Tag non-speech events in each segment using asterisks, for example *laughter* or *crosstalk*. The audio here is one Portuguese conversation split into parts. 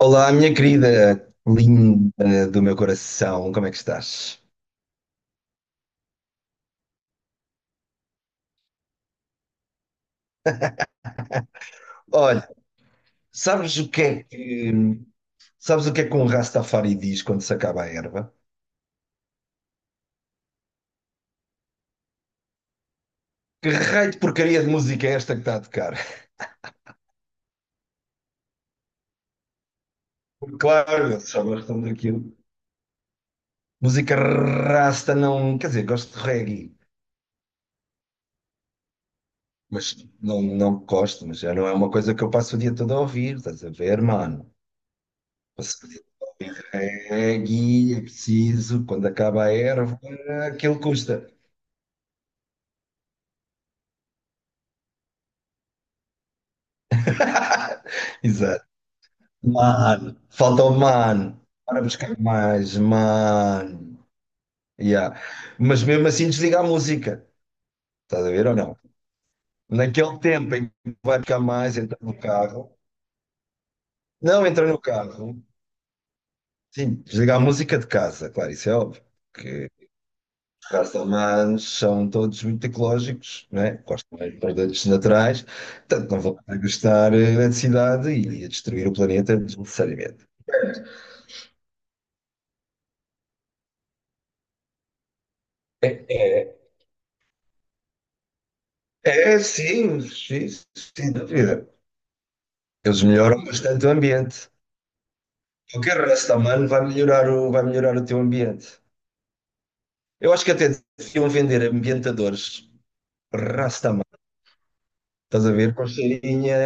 Olá, minha querida, linda do meu coração, como é que estás? Olha, sabes o que é que, sabes o que é que um Rastafari diz quando se acaba a erva? Que raio de porcaria de música é esta que está a tocar? *laughs* Claro, eles só gostam daquilo. Música rasta não, quer dizer, gosto de reggae, mas não, não gosto, mas já não é uma coisa que eu passo o dia todo a ouvir, estás a ver, mano? Passo o dia- Reggae é preciso, quando acaba a erva, aquilo custa. *laughs* Exato. Mano, falta o mano para buscar mais, mano. Yeah. Mas mesmo assim desliga a música. Estás a ver ou não? Naquele tempo em que vai buscar mais, entra no carro. Não entra no carro. Sim, desliga a música de casa, claro, isso é óbvio. Que os castelmanos são todos muito ecológicos, né? Gostam mais de produtos naturais, portanto não vão gastar eletricidade e a destruir o planeta desnecessariamente. É, é, é, sim, sim, sim, sem dúvida. Eles melhoram bastante o ambiente. Qualquer raça humana vai melhorar o teu ambiente. Eu acho que até deviam vender ambientadores Rastaman. Estás a ver? Com cheirinha.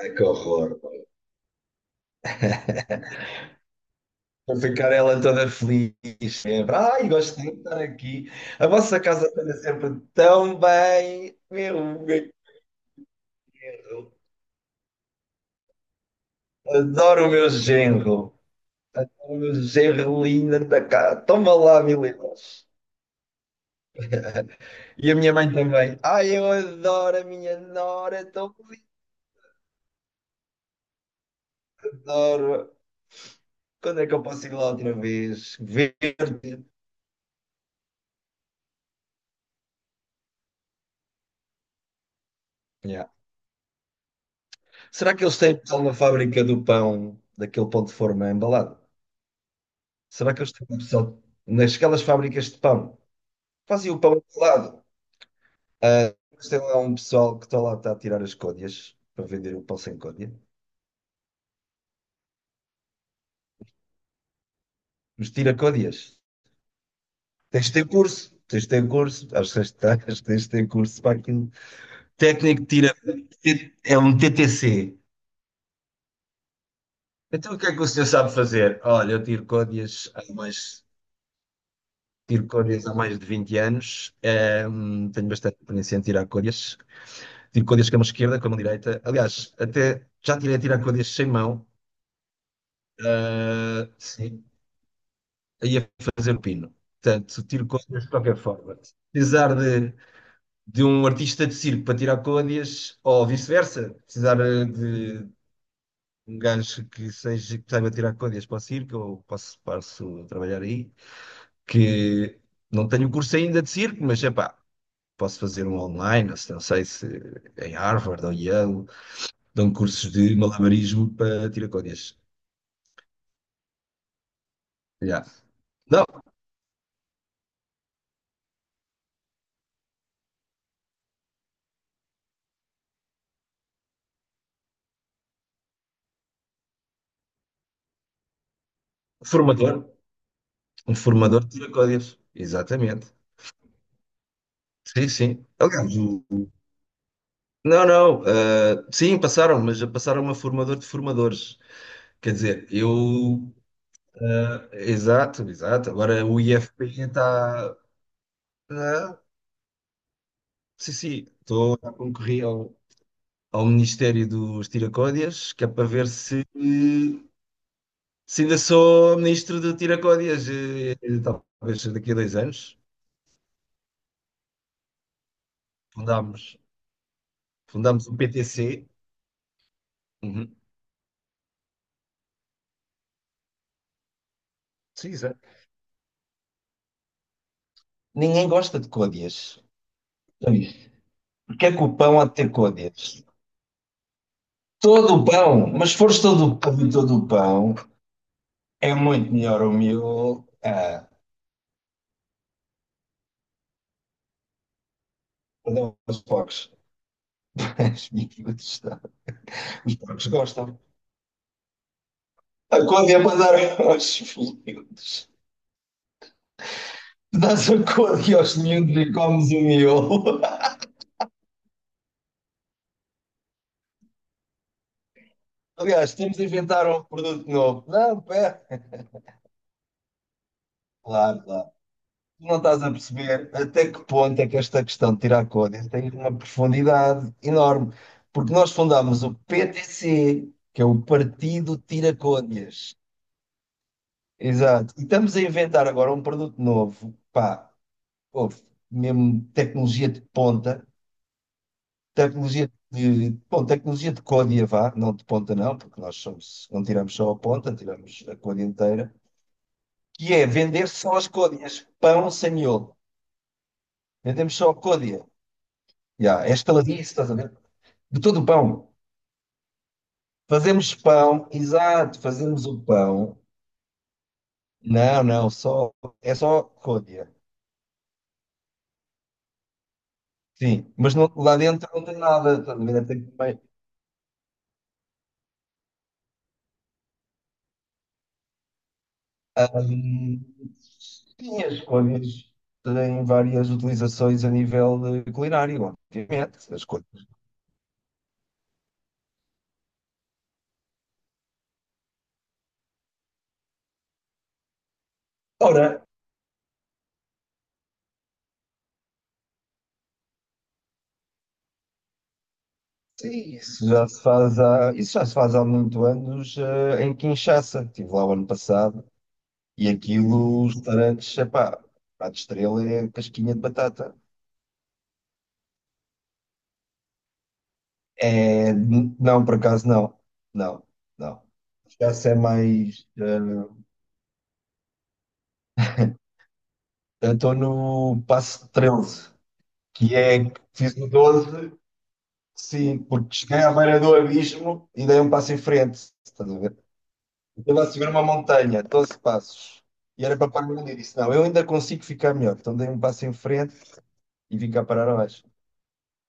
Ai, que horror. Para ficar ela toda feliz. Sempre. Ai, gosto de estar aqui. A vossa casa está sempre tão bem. Meu genro. Adoro o meu genro. Adoro o meu genro lindo. Toma lá, mil euros. E a minha mãe também. Ai, eu adoro a minha nora, é tão linda, adoro. Quando é que eu posso ir lá outra vez? Verde. Yeah. Será que eles têm pessoal na fábrica do pão, daquele pão de forma embalado? Será que eles têm pessoal nasquelas fábricas de pão? Fazem o pão embalado. Ah, mas tem lá um pessoal que está a tirar as côdeas para vender o pão sem côdea. Mas tira côdeas. Tens de ter curso. Tens de ter curso. Acho que tens de ter curso para aquilo. Técnico tira. É um TTC. Então o que é que o senhor sabe fazer? Olha, eu tiro códias há mais, tiro códias há mais de 20 anos. Tenho bastante experiência em tirar códias. Tiro códias com a mão esquerda, com a mão direita. Aliás, até já tirei a tirar códias sem mão. Sim. Aí a fazer o pino. Portanto, tiro códias de qualquer forma. Precisar de um artista de circo para tirar códias, ou vice-versa, precisar de um gajo que seja, que saiba tirar contas para o circo, eu posso a trabalhar aí, que não tenho curso ainda de circo, mas é pá, posso fazer um online, ou se não sei se em Harvard ou Yale, dão cursos de malabarismo para tiracódias. Já. Não, formador, um formador de tiracódias, exatamente. Sim, sim. Aliás, não, não, sim, passaram, mas já passaram a formador de formadores. Quer dizer, eu Exato, exato. Agora o IFP está. ah, sim, sim, estou a concorrer ao Ministério dos Tiracódias, que é para ver se ainda sou ministro do Tiracódias. Talvez daqui a 2 anos fundamos, fundamos o PTC. Uhum. Sim, exato. Ninguém gosta de códias. Já viste? Porque é que o pão há de ter códias? Todo o pão, mas se fores todo o pão, é muito melhor o meu. Ah, perdão, aos poucos. Os miúdos, tá. Os porcos gostam. A Códia é para dar aos miúdos. Tu dás a Códia aos miúdos e comes o miolo. *laughs* Aliás, temos de inventar um produto novo. Não, pera. Claro, claro. Tu não estás a perceber até que ponto é que esta questão de tirar Códia tem uma profundidade enorme. Porque nós fundámos o PTC, que é o Partido Tira Códias. Exato. E estamos a inventar agora um produto novo. Pá, ouve, mesmo tecnologia de ponta. Tecnologia de côdea, vá, não de ponta não, porque nós somos, não tiramos só a ponta, tiramos a côdea inteira, que é vender só as côdeas, pão sem miolo. Vendemos só a côdea. Já, é estaladiço, estás a ver? De todo o pão. Fazemos pão, exato, fazemos o pão. Não, não, só, é só côdea. Sim, mas lá dentro não tem nada, estás a ver? Ahm, Sim, as coisas têm várias utilizações a nível de culinário, obviamente. As coisas. Ora, sim, isso já se faz há muito anos, em Kinshasa. Estive lá o ano passado e aquilo, os restaurantes, epá, a de estrela é casquinha de batata. É, não, por acaso não. Não, não. Kinshasa é mais. Eu estou no passo 13 que é, fiz o 12. Sim, porque cheguei à beira do abismo e dei um passo em frente. Estás a ver? Eu estava a subir uma montanha, 12 passos. E era para parar ali. E disse: não, eu ainda consigo ficar melhor. Então dei um passo em frente e vim cá parar abaixo.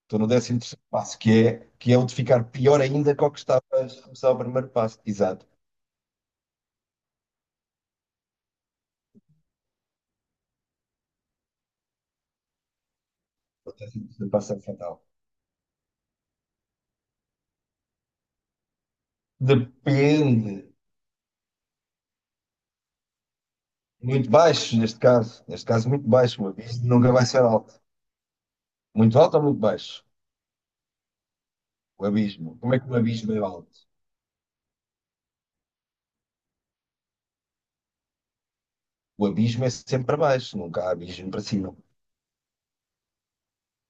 Estou no décimo º passo, que é, o de ficar pior ainda que o que estava a começar o primeiro passo. Exato. O primeiro passo é fatal. Depende. Muito baixo, neste caso. Neste caso, muito baixo. O abismo nunca vai ser alto. Muito alto ou muito baixo? O abismo. Como é que um abismo é alto? O abismo é sempre para baixo, nunca há abismo para cima.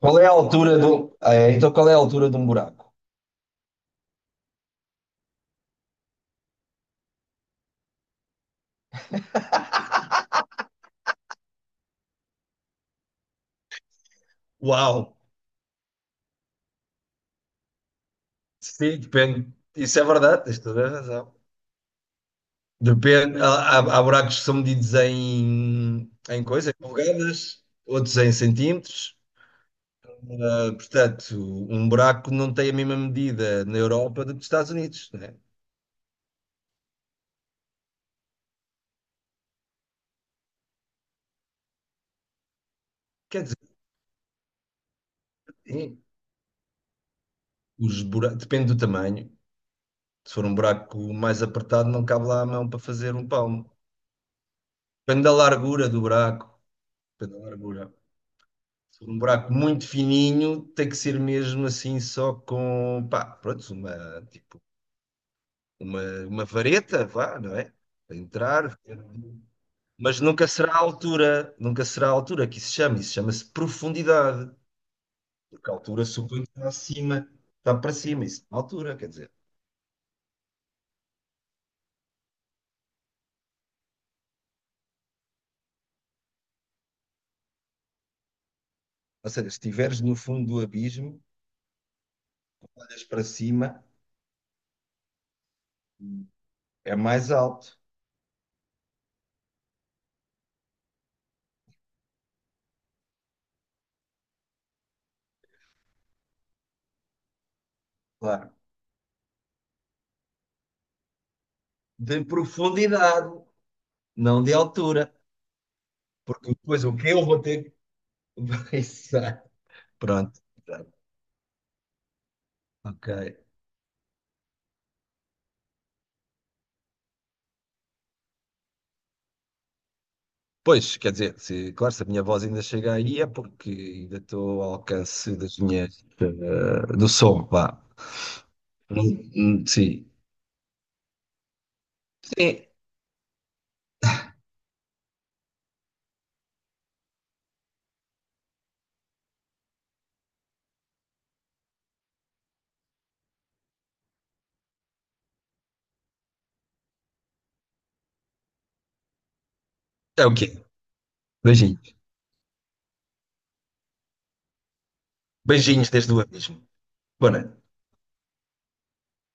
Qual é a altura do. É, então, qual é a altura de um buraco? Uau! Sim, depende. Isso é verdade, tens toda a razão. Depende. Há buracos que são medidos em coisas, em polegadas, outros em centímetros. Ah, portanto, um buraco não tem a mesma medida na Europa do que nos Estados Unidos, né? Quer dizer, sim, os buracos, depende do tamanho. Se for um buraco mais apertado, não cabe lá a mão para fazer um palmo. Depende da largura do buraco. Pedro largura. Se for um buraco muito fininho, tem que ser mesmo assim só com, pá, pronto, uma, tipo, uma vareta, vá, não é? Para entrar. Mas nunca será a altura que isso se chama, isso chama-se profundidade. Porque a altura supõe que está acima, está para cima, isso é altura, quer dizer. Ou seja, se estiveres no fundo do abismo, olhas para cima, é mais alto, claro. De profundidade, não de altura. Porque depois o que eu vou ter *laughs* Exato. Pronto. Exato. Ok. Pois, quer dizer, se, claro, se a minha voz ainda chega aí é porque ainda estou ao alcance do som, vá. Sim. Sim. É o quê? Beijinhos. Beijinhos desde o abismo. Boa noite.